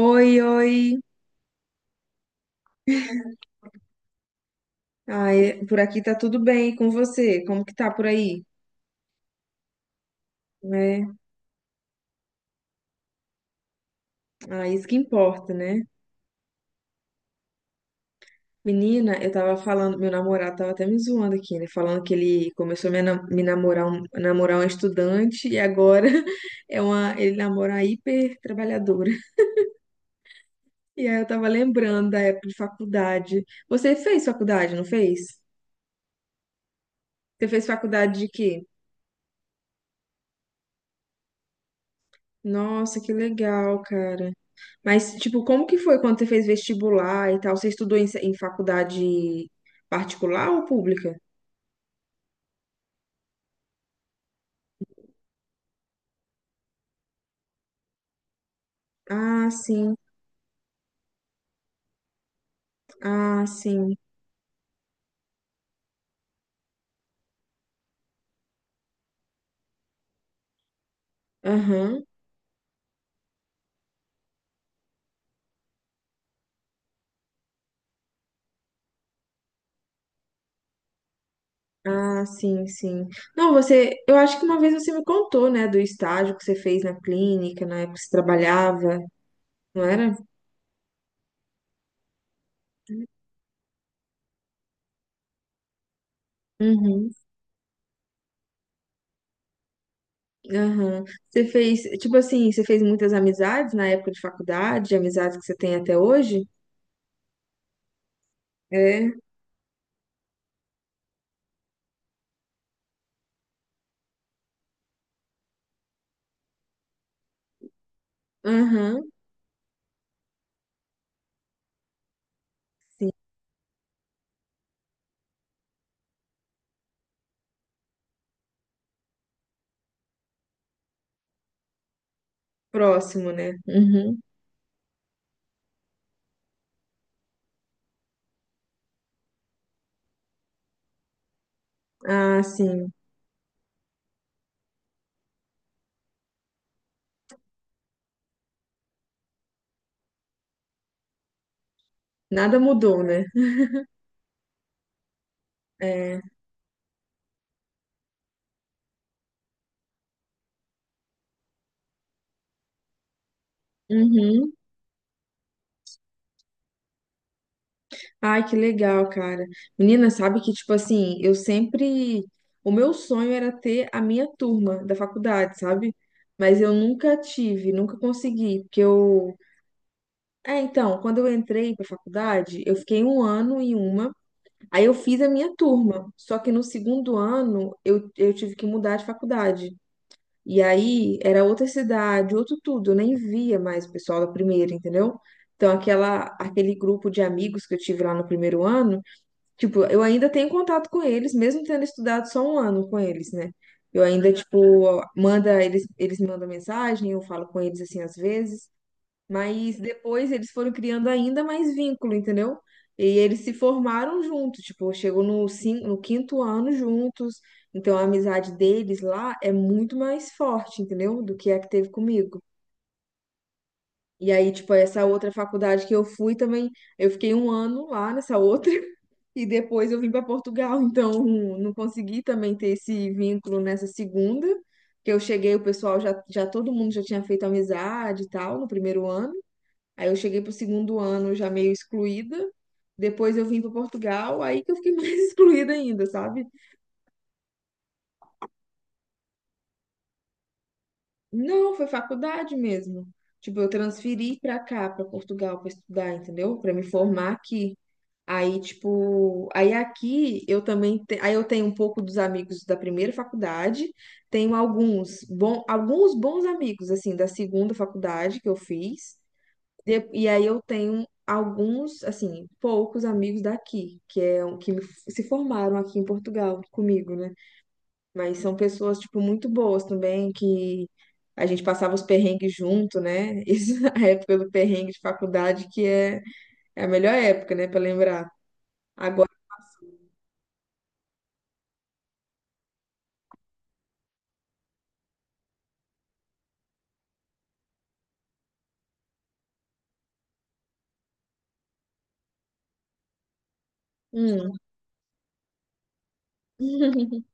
Oi, oi. Ai, por aqui tá tudo bem e com você? Como que tá por aí? É, ah, isso que importa, né? Menina, eu tava falando, meu namorado tava até me zoando aqui, né? Falando que ele começou a me namorar, namorar uma estudante e agora é ele namora uma hiper trabalhadora. E aí eu tava lembrando da época de faculdade. Você fez faculdade, não fez? Você fez faculdade de quê? Nossa, que legal, cara. Mas, tipo, como que foi quando você fez vestibular e tal? Você estudou em faculdade particular ou pública? Ah, sim. Ah, sim. Aham. Ah, sim, sim. Não, você, eu acho que uma vez você me contou, né, do estágio que você fez na clínica, na época que você trabalhava, não era? Uhum. Aham. Você fez, tipo assim, você fez muitas amizades na época de faculdade, amizades que você tem até hoje? É. Aham. Sim. Próximo, né? Uhum. Ah, sim. Nada mudou, né? É. Uhum. Ai, que legal, cara. Menina, sabe que, tipo assim, eu sempre. O meu sonho era ter a minha turma da faculdade, sabe? Mas eu nunca tive, nunca consegui, porque eu. É, então, quando eu entrei pra faculdade, eu fiquei um ano em uma, aí eu fiz a minha turma. Só que no segundo ano, eu tive que mudar de faculdade. E aí era outra cidade, outro tudo, eu nem via mais o pessoal da primeira, entendeu? Então aquele grupo de amigos que eu tive lá no primeiro ano, tipo, eu ainda tenho contato com eles, mesmo tendo estudado só um ano com eles, né? Eu ainda, tipo, manda, eles me mandam mensagem, eu falo com eles assim às vezes. Mas depois eles foram criando ainda mais vínculo, entendeu? E eles se formaram juntos, tipo, chegou no no quinto ano juntos. Então a amizade deles lá é muito mais forte, entendeu? Do que a que teve comigo. E aí, tipo, essa outra faculdade que eu fui também, eu fiquei um ano lá nessa outra. E depois eu vim para Portugal, então não consegui também ter esse vínculo nessa segunda, que eu cheguei, o pessoal já todo mundo já tinha feito amizade e tal no primeiro ano. Aí eu cheguei pro segundo ano já meio excluída. Depois eu vim para Portugal, aí que eu fiquei mais excluída ainda, sabe? Não, foi faculdade mesmo. Tipo, eu transferi pra cá, pra Portugal, pra estudar, entendeu? Pra me formar aqui. Aí aqui eu também, te- aí eu tenho um pouco dos amigos da primeira faculdade, tenho alguns bons amigos assim da segunda faculdade que eu fiz. E aí eu tenho alguns, assim, poucos amigos daqui, que me- se formaram aqui em Portugal comigo, né? Mas são pessoas, tipo, muito boas também, que a gente passava os perrengues junto, né? Isso a época do perrengue de faculdade, é a melhor época, né, pra lembrar. Agora, hum.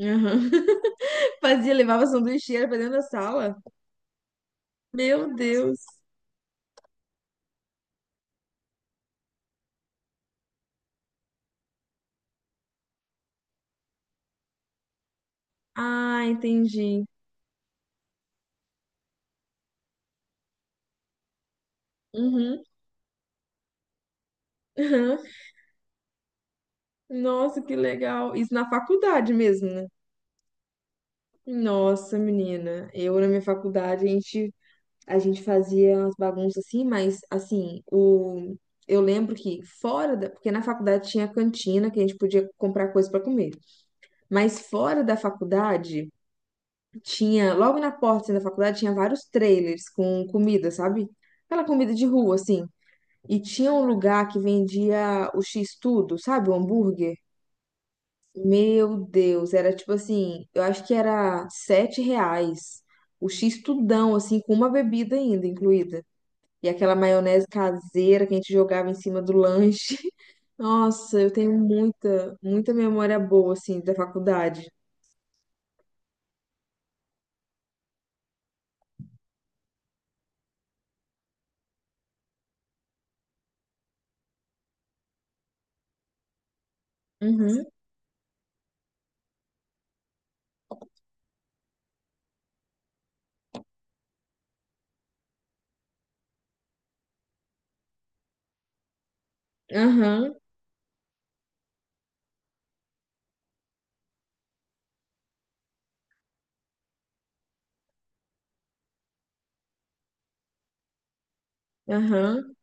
Aham. Fazia, levava sanduicheira pra dentro da sala. Meu Deus. Ah, entendi. Uhum. Nossa, que legal. Isso na faculdade mesmo, né? Nossa, menina. Eu na minha faculdade, a gente fazia umas bagunças assim, mas assim, o, eu lembro que fora da. Porque na faculdade tinha cantina que a gente podia comprar coisa pra comer. Mas fora da faculdade, tinha. Logo na porta assim, da faculdade tinha vários trailers com comida, sabe? Aquela comida de rua, assim. E tinha um lugar que vendia o X-Tudo, sabe? O hambúrguer. Meu Deus, era tipo assim, eu acho que era 7 reais o X tudão, assim, com uma bebida ainda incluída. E aquela maionese caseira que a gente jogava em cima do lanche. Nossa, eu tenho muita memória boa, assim, da faculdade. Uhum, aham, aham,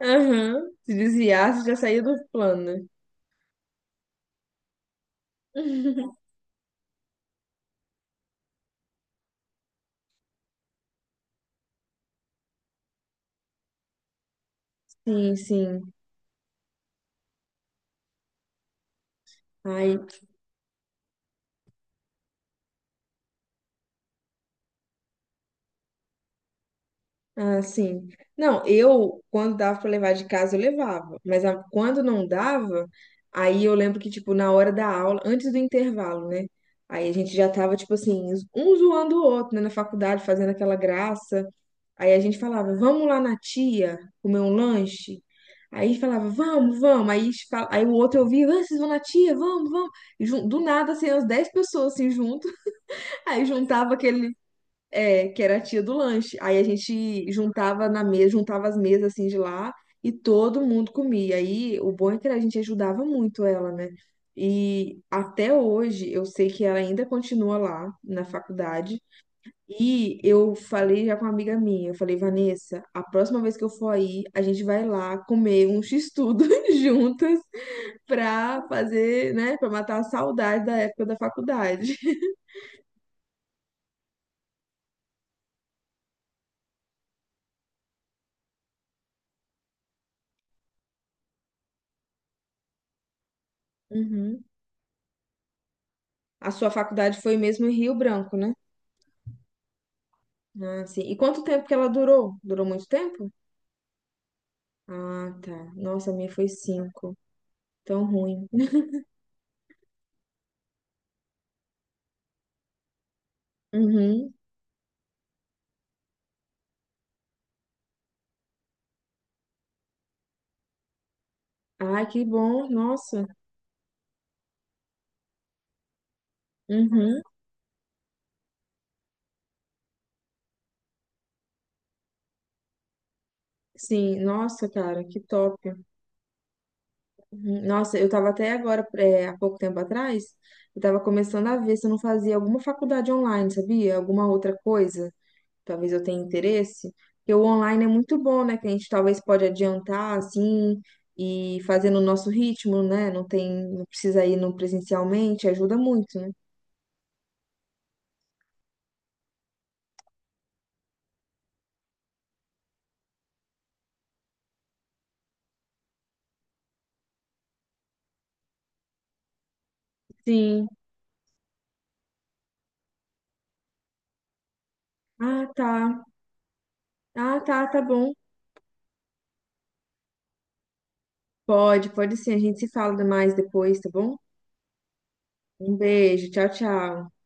aham. Se desviasse, já saía do plano. Sim, sim. Ai, Ah, sim. Não, eu, quando dava pra levar de casa, eu levava. Mas a- quando não dava, aí eu lembro que, tipo, na hora da aula, antes do intervalo, né? Aí a gente já tava, tipo assim, um zoando o outro, né? Na faculdade, fazendo aquela graça. Aí a gente falava, vamos lá na tia comer um lanche. Aí falava, vamos, vamos. Aí o outro ouvia, "Ah, vocês vão na tia, vamos, vamos. Do nada, assim, umas 10 pessoas, assim, junto. Aí juntava que era a tia do lanche. Aí a gente juntava na mesa, juntava as mesas assim de lá e todo mundo comia. Aí o bom é que a gente ajudava muito ela, né? E até hoje eu sei que ela ainda continua lá na faculdade. E eu falei já com uma amiga minha, eu falei, Vanessa, a próxima vez que eu for aí, a gente vai lá comer um x-tudo juntas pra fazer, né, pra matar a saudade da época da faculdade. Uhum. A sua faculdade foi mesmo em Rio Branco, né? Ah, sim. E quanto tempo que ela durou? Durou muito tempo? Ah, tá. Nossa, a minha foi cinco. Tão ruim. Uhum. Ai, que bom. Nossa. Uhum. Sim, nossa, cara, que top. Uhum. Nossa, eu tava até agora, é, há pouco tempo atrás, eu tava começando a ver se eu não fazia alguma faculdade online, sabia? Alguma outra coisa. Talvez eu tenha interesse, porque o online é muito bom, né? Que a gente talvez pode adiantar assim e fazer no nosso ritmo, né? Não tem, não precisa ir no presencialmente, ajuda muito, né? Sim. Ah, tá. Ah, tá, tá bom. Pode, pode sim. A gente se fala mais depois, tá bom? Um beijo, tchau, tchau.